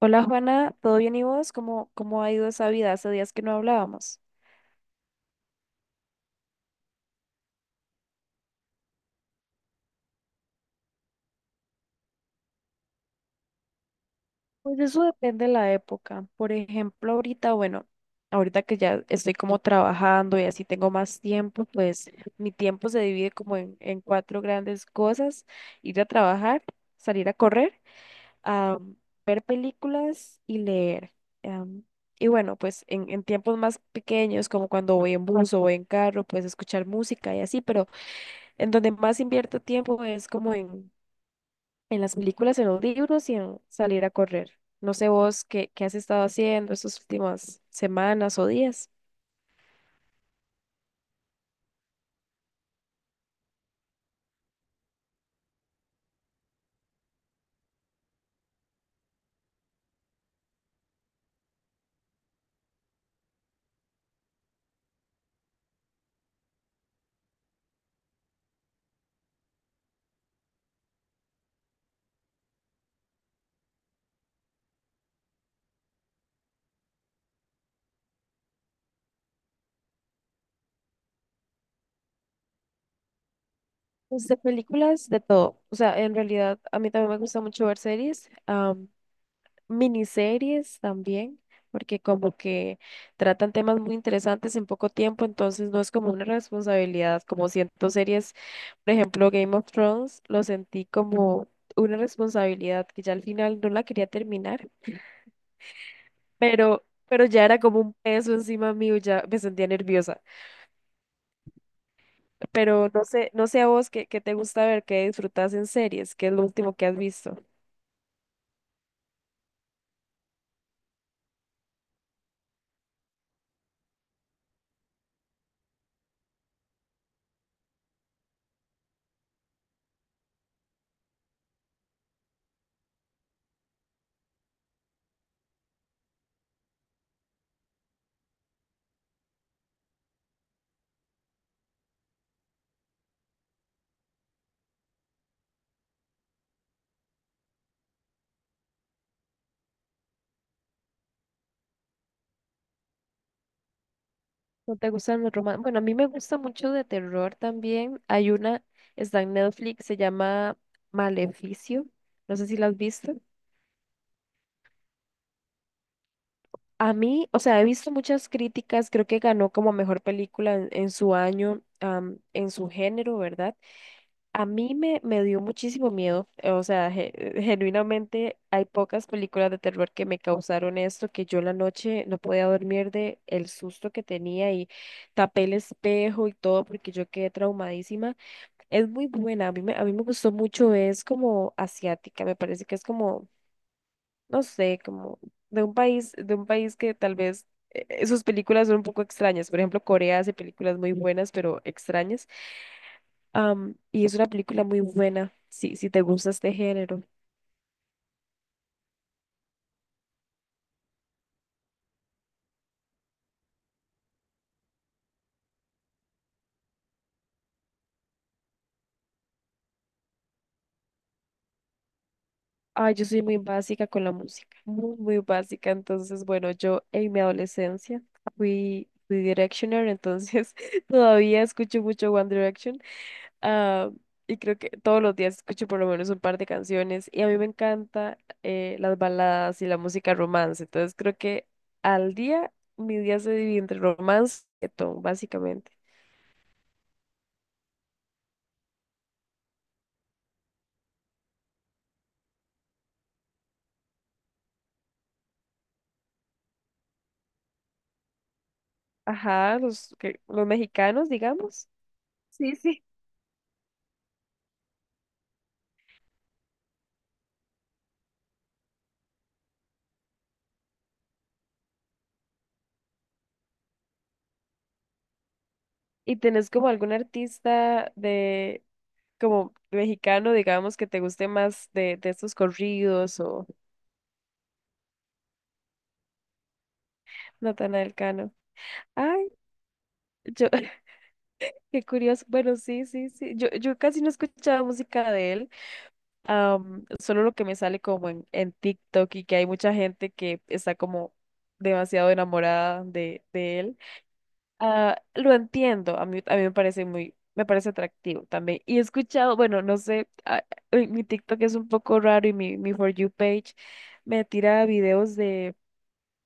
Hola Juana, ¿todo bien y vos? ¿Cómo ha ido esa vida? Hace días que no hablábamos. Pues eso depende de la época. Por ejemplo, ahorita, bueno, ahorita que ya estoy como trabajando y así tengo más tiempo, pues mi tiempo se divide como en cuatro grandes cosas. Ir a trabajar, salir a correr, a ver películas y leer. Am, y bueno, pues en tiempos más pequeños, como cuando voy en bus o voy en carro, pues escuchar música y así, pero en donde más invierto tiempo es como en las películas, en los libros y en salir a correr. No sé vos qué has estado haciendo estas últimas semanas o días. Pues de películas, de todo. O sea, en realidad a mí también me gusta mucho ver series, miniseries también, porque como que tratan temas muy interesantes en poco tiempo, entonces no es como una responsabilidad, como siento series, por ejemplo, Game of Thrones, lo sentí como una responsabilidad que ya al final no la quería terminar pero ya era como un peso encima mío, ya me sentía nerviosa. Pero no sé, no sé a vos qué te gusta ver, qué disfrutas en series, qué es lo último que has visto. ¿No te gustan los romances? Bueno, a mí me gusta mucho de terror también. Hay una, está en Netflix, se llama Maleficio. No sé si la has visto. A mí, o sea, he visto muchas críticas, creo que ganó como mejor película en su año, en su género, ¿verdad? A mí me dio muchísimo miedo, o sea, genuinamente hay pocas películas de terror que me causaron esto, que yo la noche no podía dormir de el susto que tenía y tapé el espejo y todo porque yo quedé traumadísima. Es muy buena, a a mí me gustó mucho, es como asiática, me parece que es como, no sé, como de un país que tal vez sus películas son un poco extrañas. Por ejemplo, Corea hace películas muy buenas, pero extrañas. Y es una película muy buena, si, si te gusta este género. Ay, yo soy muy básica con la música, muy, muy básica. Entonces, bueno, yo en mi adolescencia fui Directioner, entonces todavía escucho mucho One Direction. Ah, y creo que todos los días escucho por lo menos un par de canciones. Y a mí me encanta las baladas y la música romance. Entonces, creo que al día, mi día se divide entre romance y reggaetón, básicamente. Ajá, los, los mexicanos, digamos. Sí, sí. ¿Y tenés como algún artista de como mexicano, digamos, que te guste más de estos corridos o Natanael Cano? Ay, yo, qué curioso. Bueno, sí, sí, sí. Yo casi no escuchaba música de él. Solo lo que me sale como en TikTok y que hay mucha gente que está como demasiado enamorada de él. Ah, lo entiendo, a mí me parece muy, me parece atractivo también. Y he escuchado, bueno, no sé, mi TikTok es un poco raro y mi For You page me tira videos de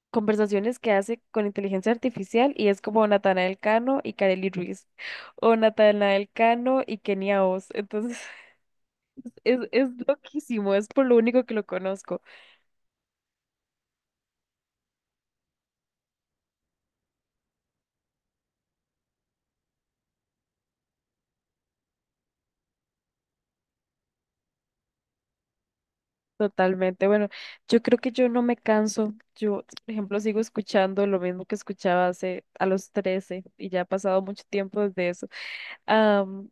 conversaciones que hace con inteligencia artificial y es como Natanael Cano y Kareli Ruiz o Natanael Cano y Kenia Os. Entonces, es loquísimo, es por lo único que lo conozco. Totalmente. Bueno, yo creo que yo no me canso. Yo, por ejemplo, sigo escuchando lo mismo que escuchaba hace a los 13 y ya ha pasado mucho tiempo desde eso. Am,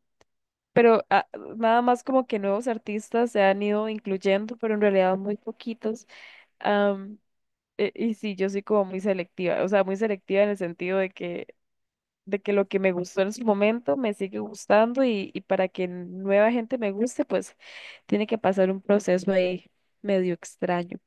pero nada más como que nuevos artistas se han ido incluyendo, pero en realidad muy poquitos. Am, y sí, yo soy como muy selectiva, o sea, muy selectiva en el sentido de que lo que me gustó en su momento me sigue gustando y para que nueva gente me guste, pues tiene que pasar un proceso ahí medio extraño.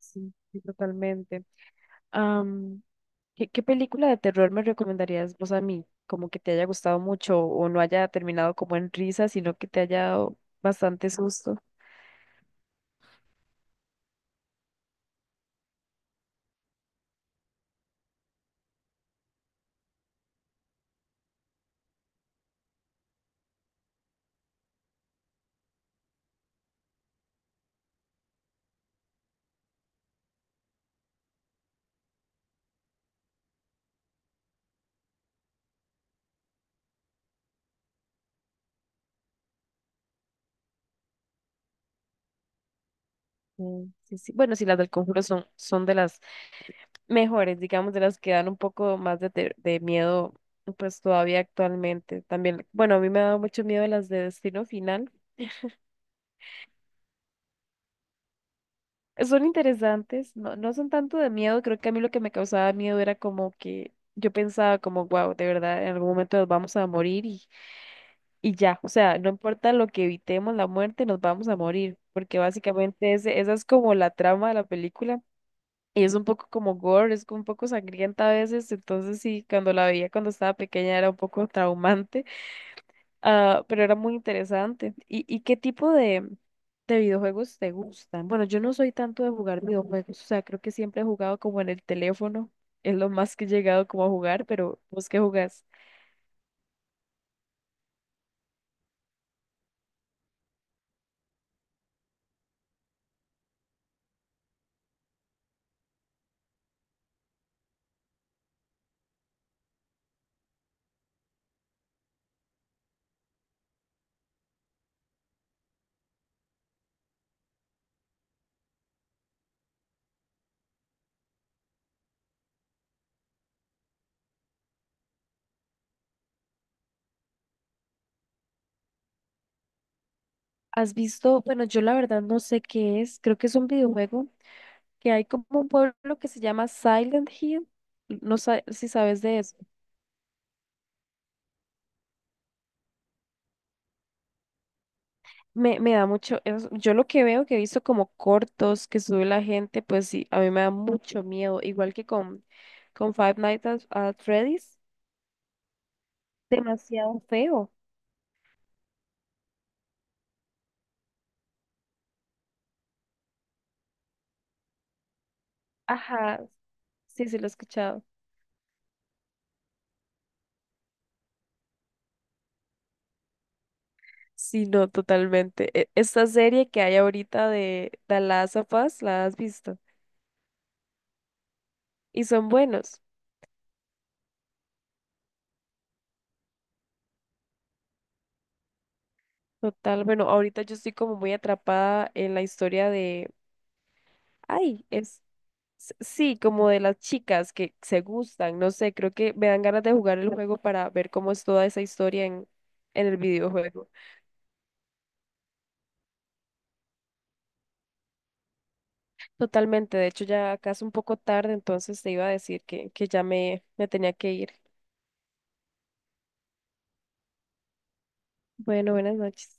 Sí, sí, totalmente. Am, ¿qué película de terror me recomendarías vos a mí? Como que te haya gustado mucho o no haya terminado como en risa, sino que te haya dado bastante susto. Mm, sí, sí. Bueno, sí, las del Conjuro son, son de las mejores, digamos, de las que dan un poco más de miedo, pues todavía actualmente. También, bueno, a mí me ha dado mucho miedo las de Destino Final. Son interesantes, no, no son tanto de miedo, creo que a mí lo que me causaba miedo era como que yo pensaba como, wow, de verdad, en algún momento nos vamos a morir y ya, o sea, no importa lo que evitemos la muerte, nos vamos a morir, porque básicamente ese, esa es como la trama de la película y es un poco como gore, es un poco sangrienta a veces, entonces sí, cuando la veía cuando estaba pequeña era un poco traumante. Ah, pero era muy interesante. Y qué tipo de videojuegos te gustan? Bueno, yo no soy tanto de jugar videojuegos, o sea, creo que siempre he jugado como en el teléfono, es lo más que he llegado como a jugar, pero ¿vos qué jugás? ¿Has visto? Bueno, yo la verdad no sé qué es, creo que es un videojuego que hay como un pueblo que se llama Silent Hill, no sé si sabes de eso. Me da mucho, yo lo que veo que he visto como cortos que sube la gente, pues sí, a mí me da mucho miedo, igual que con Five Nights at Freddy's, demasiado feo. Ajá, sí, sí lo he escuchado. Sí, no, totalmente. Esta serie que hay ahorita de The Last of Us, ¿la has visto? Y son buenos, total. Bueno, ahorita yo estoy como muy atrapada en la historia de, ay, es Sí, como de las chicas que se gustan, no sé, creo que me dan ganas de jugar el juego para ver cómo es toda esa historia en el videojuego. Totalmente, de hecho ya acá es un poco tarde, entonces te iba a decir que ya me tenía que ir. Bueno, buenas noches.